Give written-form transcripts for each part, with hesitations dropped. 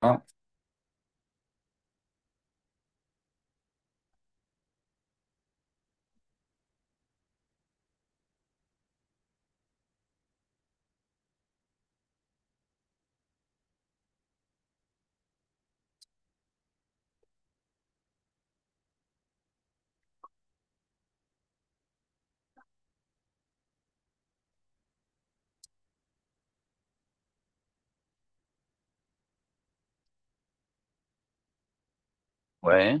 Hein, ouais,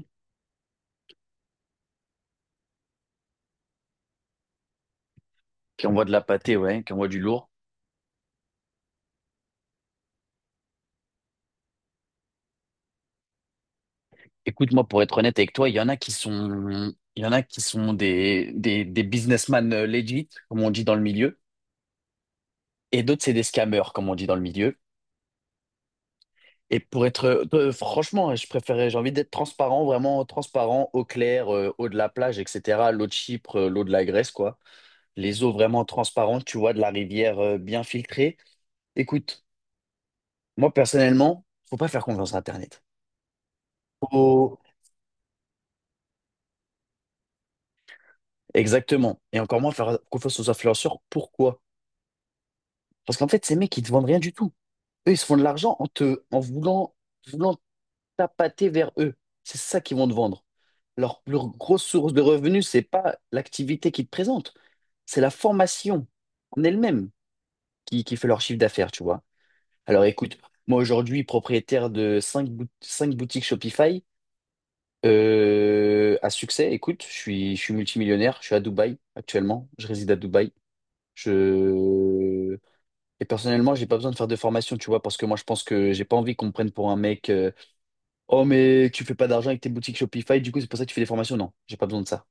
qui envoie de la pâtée, ouais, qui envoie du lourd. Écoute-moi, pour être honnête avec toi, il y en a qui sont, il y en a qui sont des businessmen legit, comme on dit dans le milieu, et d'autres, c'est des scammers, comme on dit dans le milieu. Et pour être, franchement, je préférais, j'ai envie d'être transparent, vraiment transparent, eau claire, eau de la plage, etc., l'eau de Chypre, l'eau de la Grèce, quoi. Les eaux vraiment transparentes, tu vois, de la rivière, bien filtrée. Écoute, moi, personnellement, faut pas faire confiance à Internet. Exactement. Et encore moins faire confiance aux influenceurs. Pourquoi? Parce qu'en fait, ces mecs, ils te vendent rien du tout. Eux, ils se font de l'argent en te, en voulant, voulant t'appâter vers eux. C'est ça qu'ils vont te vendre. Leur grosse source de revenus, c'est pas l'activité qu'ils te présentent, c'est la formation en elle-même qui fait leur chiffre d'affaires, tu vois. Alors écoute, moi aujourd'hui, propriétaire de 5 boutiques Shopify à succès, écoute, je suis multimillionnaire, je suis à Dubaï actuellement, je réside à Dubaï. Je... Et personnellement, j'ai pas besoin de faire de formation, tu vois, parce que moi, je pense que j'ai pas envie qu'on me prenne pour un mec. Oh, mais tu fais pas d'argent avec tes boutiques Shopify, du coup, c'est pour ça que tu fais des formations. Non, j'ai pas besoin de ça.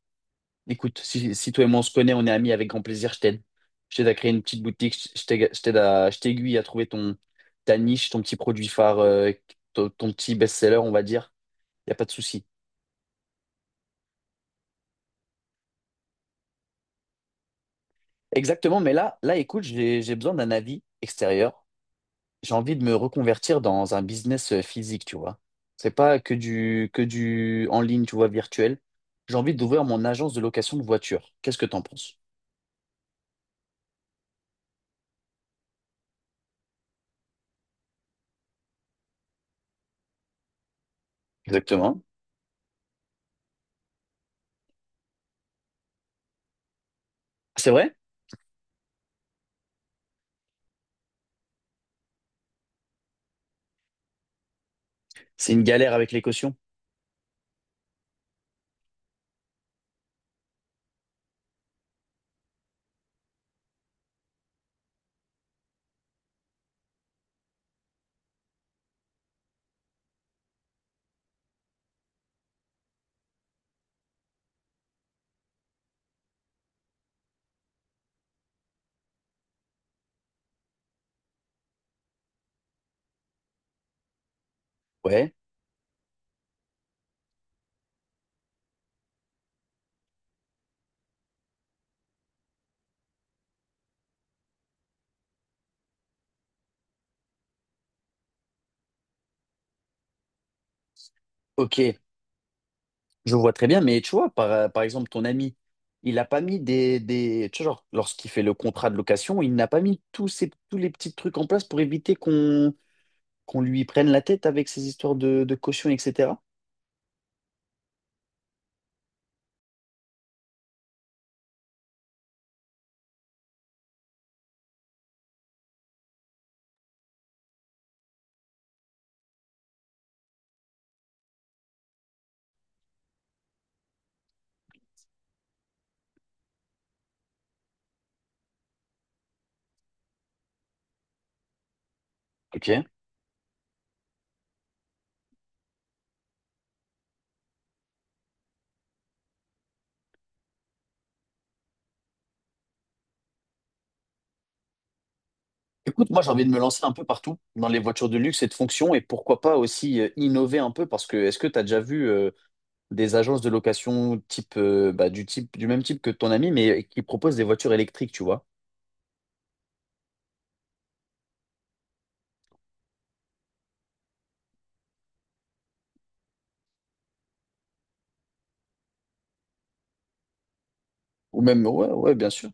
Écoute, si toi et moi on se connaît, on est amis avec grand plaisir, je t'aide. Je t'aide à créer une petite boutique, je t'aiguille à trouver ta niche, ton petit produit phare, ton petit best-seller, on va dire. Y a pas de souci. Exactement, mais là, écoute, j'ai besoin d'un avis extérieur. J'ai envie de me reconvertir dans un business physique, tu vois. C'est pas que du en ligne, tu vois, virtuel. J'ai envie d'ouvrir mon agence de location de voitures. Qu'est-ce que t'en penses? Exactement. C'est vrai? C'est une galère avec les cautions. Ouais, ok, je vois très bien, mais tu vois, par exemple, ton ami, il n'a pas mis tu vois, genre, lorsqu'il fait le contrat de location, il n'a pas mis tous les petits trucs en place pour éviter qu'on lui prenne la tête avec ces histoires de caution, etc. Ok. Écoute, moi j'ai envie de me lancer un peu partout dans les voitures de luxe et de fonction et pourquoi pas aussi innover un peu parce que est-ce que tu as déjà vu des agences de location type, bah, du même type que ton ami mais qui proposent des voitures électriques, tu vois? Ou même ouais, ouais, bien sûr.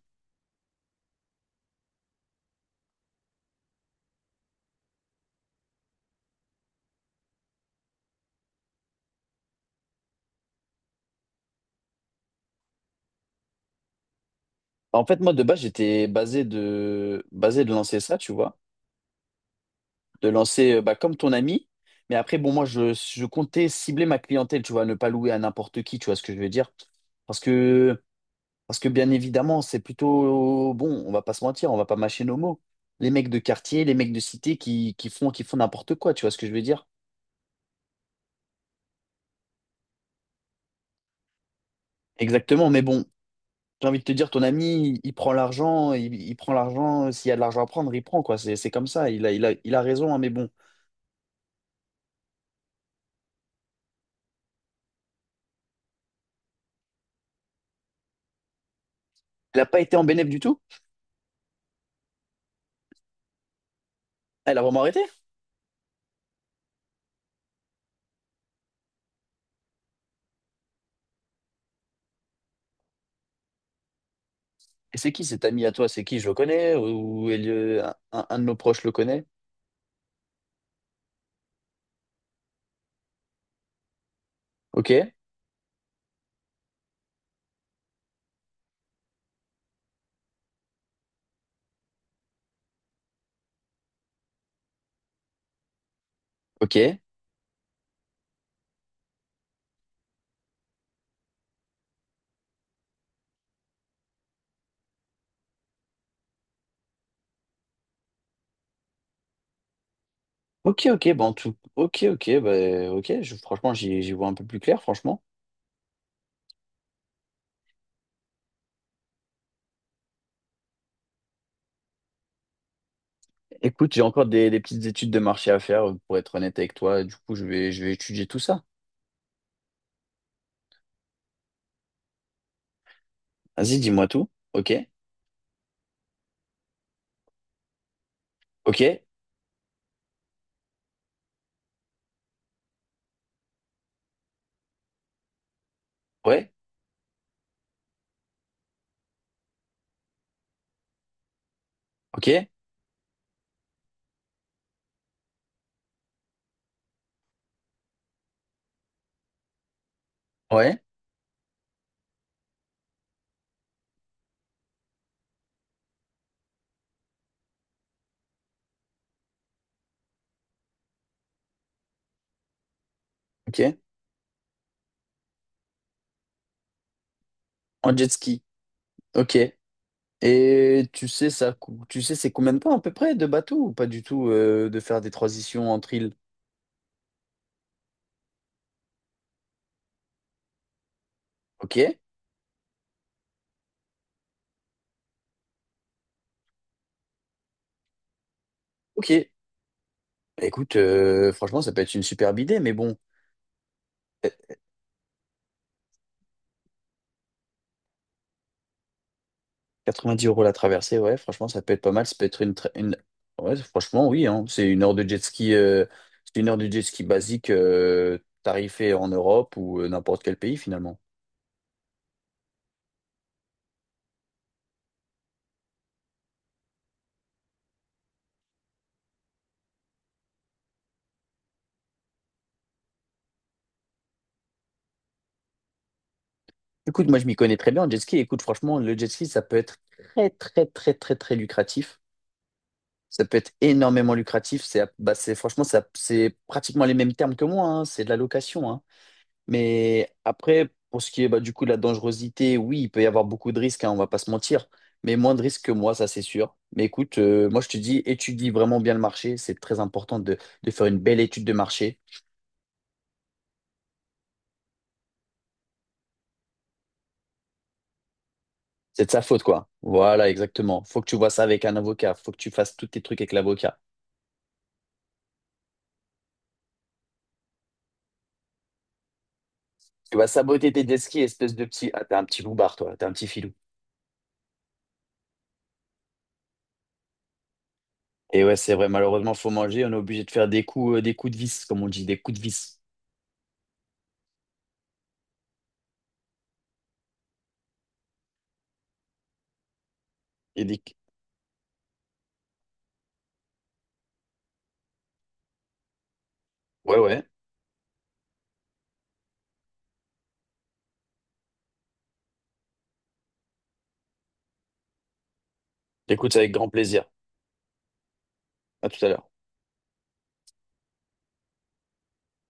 En fait moi de base j'étais basé de lancer ça, tu vois, de lancer bah, comme ton ami mais après bon moi je comptais cibler ma clientèle, tu vois, ne pas louer à n'importe qui, tu vois ce que je veux dire? Parce que Parce que bien évidemment, c'est plutôt bon, on va pas se mentir, on va pas mâcher nos mots. Les mecs de quartier, les mecs de cité qui font n'importe quoi, tu vois ce que je veux dire? Exactement, mais bon, j'ai envie de te dire, ton ami, il prend l'argent, il prend l'argent, s'il y a de l'argent à prendre, il prend, quoi. C'est comme ça, il a raison, hein, mais bon. Elle n'a pas été en bénéf du tout? Elle a vraiment arrêté? Et c'est qui cet ami à toi? C'est qui? Je le connais? Ou un de nos proches le connaît? Ok, ok. Ok, ok, ben, tout. Ok, ok, bah, ok, franchement, j'y vois un peu plus clair, franchement. Écoute, j'ai encore des petites études de marché à faire, pour être honnête avec toi. Du coup, je vais étudier tout ça. Vas-y, dis-moi tout. Ok, ok, ouais, ok, ouais, ok. En jet ski, ok. Et tu sais ça, tu sais c'est combien de temps à peu près de bateau ou pas du tout de faire des transitions entre îles? Ok, ok. Bah, écoute, franchement, ça peut être une superbe idée, mais bon. 90 € la traversée, ouais, franchement, ça peut être pas mal. Ça peut être une... Ouais, franchement, oui, hein. C'est une heure de jet ski, c'est une heure de jet ski basique, tarifée en Europe ou n'importe quel pays finalement. Écoute, moi, je m'y connais très bien en jet ski. Écoute, franchement, le jet ski, ça peut être très, très, très, très, très lucratif. Ça peut être énormément lucratif. Franchement, ça, c'est pratiquement les mêmes termes que moi, hein. C'est de la location, hein. Mais après, pour ce qui est bah, du coup de la dangerosité, oui, il peut y avoir beaucoup de risques, hein, on va pas se mentir, mais moins de risques que moi, ça c'est sûr. Mais écoute, moi je te dis, étudie vraiment bien le marché, c'est très important de faire une belle étude de marché. C'est de sa faute, quoi. Voilà, exactement. Faut que tu vois ça avec un avocat, faut que tu fasses tous tes trucs avec l'avocat. Tu vas saboter tes jet skis, espèce de petit. Ah, t'es un petit loupard, toi, t'es un petit filou. Et ouais, c'est vrai, malheureusement, faut manger, on est obligé de faire des coups de vis, comme on dit, des coups de vis. Et des... Ouais, ouais, écoute, avec grand plaisir. À tout à l'heure.